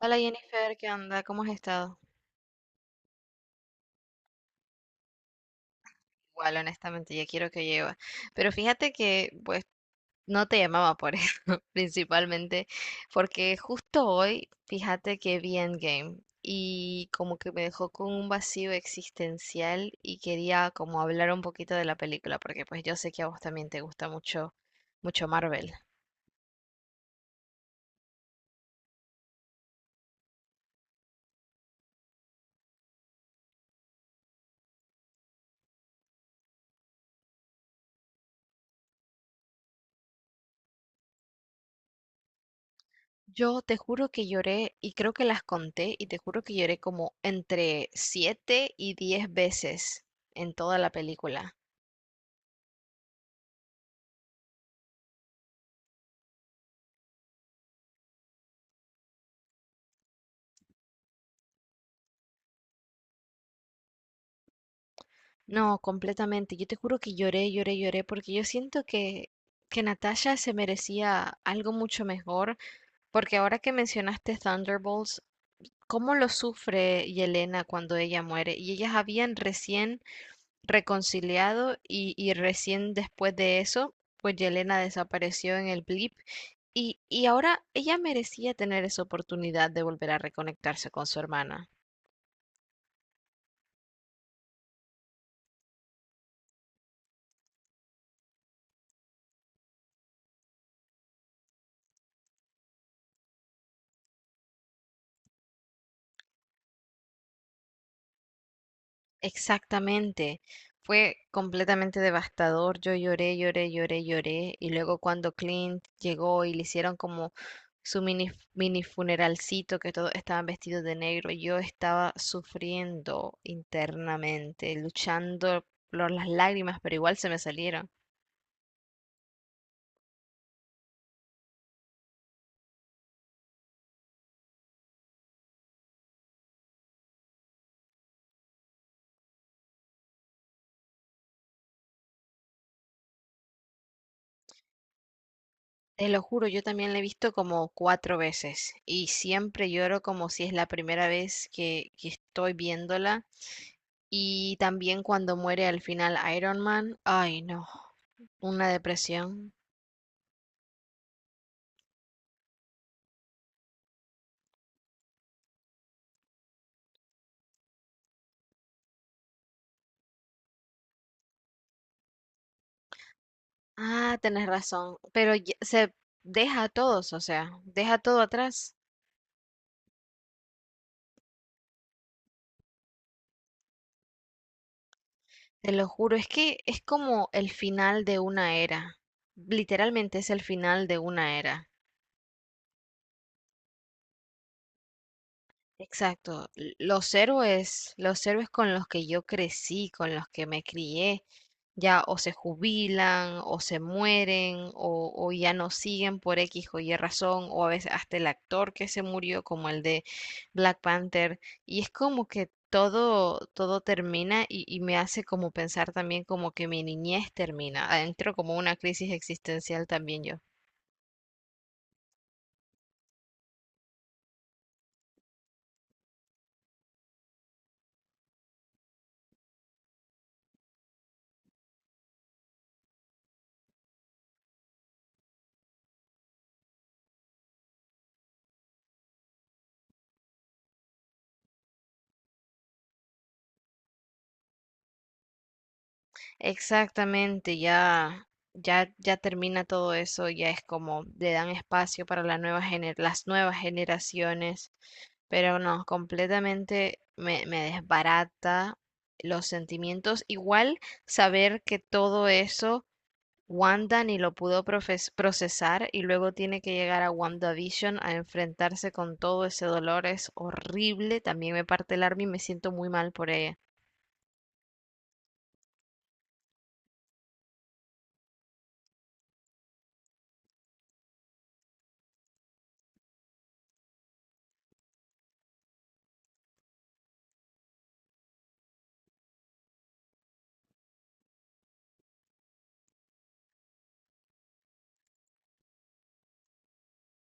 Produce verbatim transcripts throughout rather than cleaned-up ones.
Hola Jennifer, ¿qué onda? ¿Cómo has estado? Igual, honestamente, ya quiero que lleve. Pero fíjate que, pues, no te llamaba por eso, principalmente, porque justo hoy, fíjate que vi Endgame y como que me dejó con un vacío existencial y quería como hablar un poquito de la película, porque pues yo sé que a vos también te gusta mucho, mucho Marvel. Yo te juro que lloré y creo que las conté y te juro que lloré como entre siete y diez veces en toda la película. No, completamente. Yo te juro que lloré, lloré, lloré, porque yo siento que, que Natasha se merecía algo mucho mejor, porque ahora que mencionaste Thunderbolts, cómo lo sufre Yelena cuando ella muere, y ellas habían recién reconciliado y, y recién después de eso, pues Yelena desapareció en el blip, y, y ahora ella merecía tener esa oportunidad de volver a reconectarse con su hermana. Exactamente. Fue completamente devastador. Yo lloré, lloré, lloré, lloré. Y luego cuando Clint llegó y le hicieron como su mini, mini funeralcito, que todos estaban vestidos de negro, yo estaba sufriendo internamente, luchando por las lágrimas, pero igual se me salieron. Te lo juro, yo también la he visto como cuatro veces y siempre lloro como si es la primera vez que, que estoy viéndola. Y también cuando muere al final Iron Man, ay no, una depresión. Ah, tenés razón, pero ya- se deja a todos, o sea, deja todo atrás, te lo juro, es que es como el final de una era, literalmente es el final de una era. Exacto. l- Los héroes, los héroes con los que yo crecí, con los que me crié, ya o se jubilan, o se mueren, o, o ya no siguen por X o Y razón, o a veces hasta el actor que se murió, como el de Black Panther. Y es como que todo, todo termina y, y me hace como pensar también como que mi niñez termina. Entro como una crisis existencial también yo. Exactamente, ya, ya, ya termina todo eso, ya es como le dan espacio para la nueva gener- las nuevas generaciones, pero no, completamente me, me desbarata los sentimientos. Igual saber que todo eso Wanda ni lo pudo profes- procesar y luego tiene que llegar a WandaVision a enfrentarse con todo ese dolor es horrible, también me parte el alma y me siento muy mal por ella.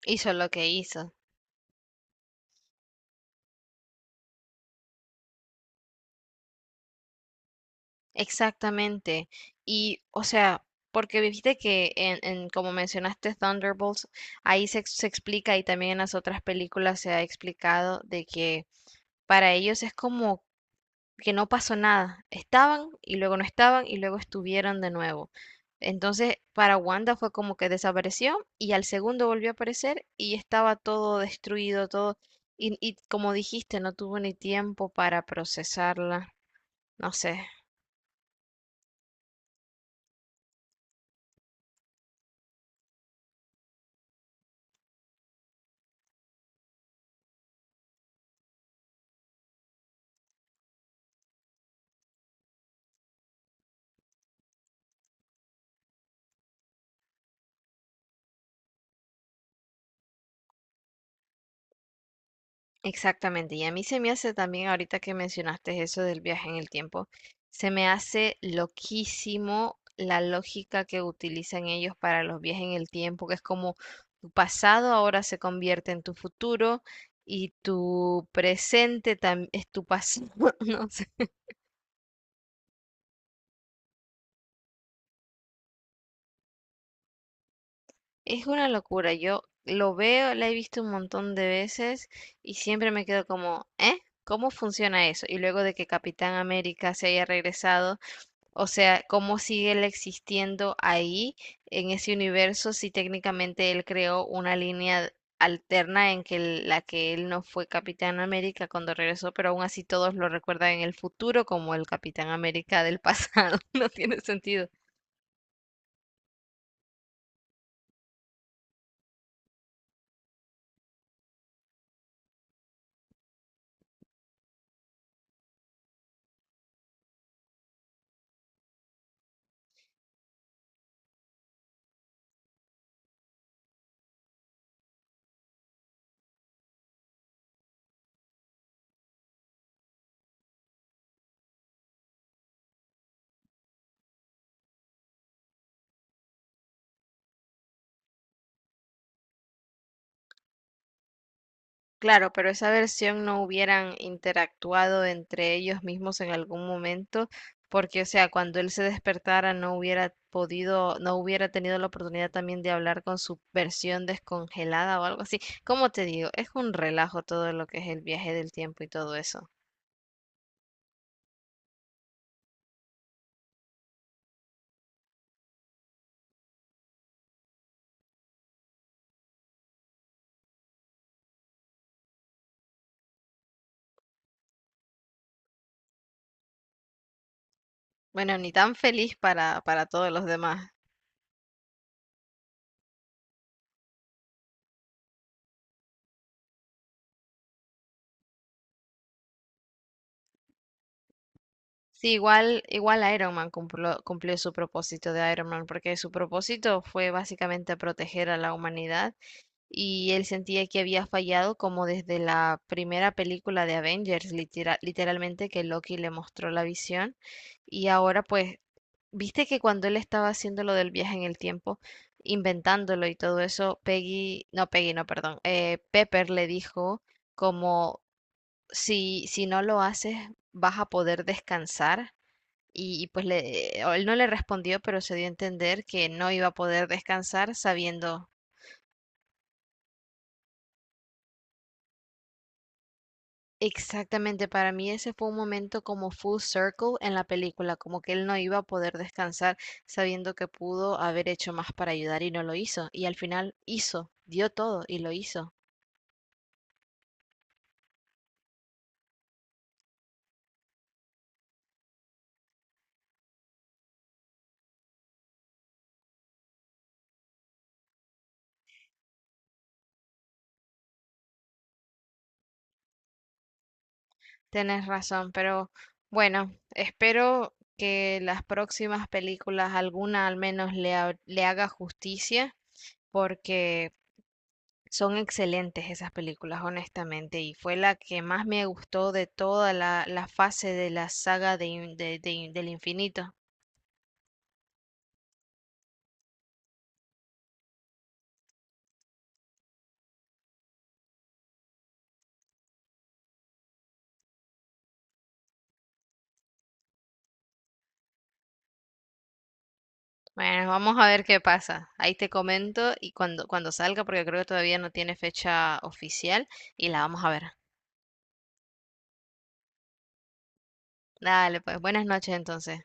Hizo lo que hizo. Exactamente. Y, o sea, porque viste que en, en como mencionaste Thunderbolts, ahí se, ex- se explica y también en las otras películas se ha explicado de que para ellos es como que no pasó nada. Estaban y luego no estaban y luego estuvieron de nuevo. Entonces, para Wanda fue como que desapareció y al segundo volvió a aparecer y estaba todo destruido, todo. Y, y como dijiste, no tuvo ni tiempo para procesarla. No sé. Exactamente, y a mí se me hace también, ahorita que mencionaste eso del viaje en el tiempo, se me hace loquísimo la lógica que utilizan ellos para los viajes en el tiempo, que es como tu pasado ahora se convierte en tu futuro y tu presente también es tu pasado. No sé, es una locura. Yo lo veo, la he visto un montón de veces y siempre me quedo como, ¿eh? ¿Cómo funciona eso? Y luego de que Capitán América se haya regresado. O sea, ¿cómo sigue él existiendo ahí en ese universo si técnicamente él creó una línea alterna en que él- la que él no fue Capitán América cuando regresó, pero aún así todos lo recuerdan en el futuro como el Capitán América del pasado? No tiene sentido. Claro, pero esa versión no hubieran interactuado entre ellos mismos en algún momento, porque, o sea, cuando él se despertara no hubiera podido, no hubiera tenido la oportunidad también de hablar con su versión descongelada o algo así. Como te digo, es un relajo todo lo que es el viaje del tiempo y todo eso. Bueno, ni tan feliz para, para todos los demás. Sí, igual, igual Iron Man cumplió, cumplió su propósito de Iron Man, porque su propósito fue básicamente proteger a la humanidad y él sentía que había fallado como desde la primera película de Avengers, litera- literalmente que Loki le mostró la visión y ahora pues, viste que cuando él estaba haciendo lo del viaje en el tiempo, inventándolo y todo eso, Peggy, no Peggy, no, perdón, eh, Pepper le dijo como si, si no lo haces vas a poder descansar. Y, y pues le, eh, él no le respondió, pero se dio a entender que no iba a poder descansar sabiendo. Exactamente, para mí ese fue un momento como full circle en la película, como que él no iba a poder descansar sabiendo que pudo haber hecho más para ayudar y no lo hizo. Y al final hizo, dio todo y lo hizo. Tienes razón, pero bueno, espero que las próximas películas, alguna al menos le, ha- le haga justicia, porque son excelentes esas películas, honestamente, y fue la que más me gustó de toda la, la fase de la saga de, in- de- de del infinito. Bueno, vamos a ver qué pasa. Ahí te comento y cuando, cuando salga, porque creo que todavía no tiene fecha oficial, y la vamos a ver. Dale, pues buenas noches entonces.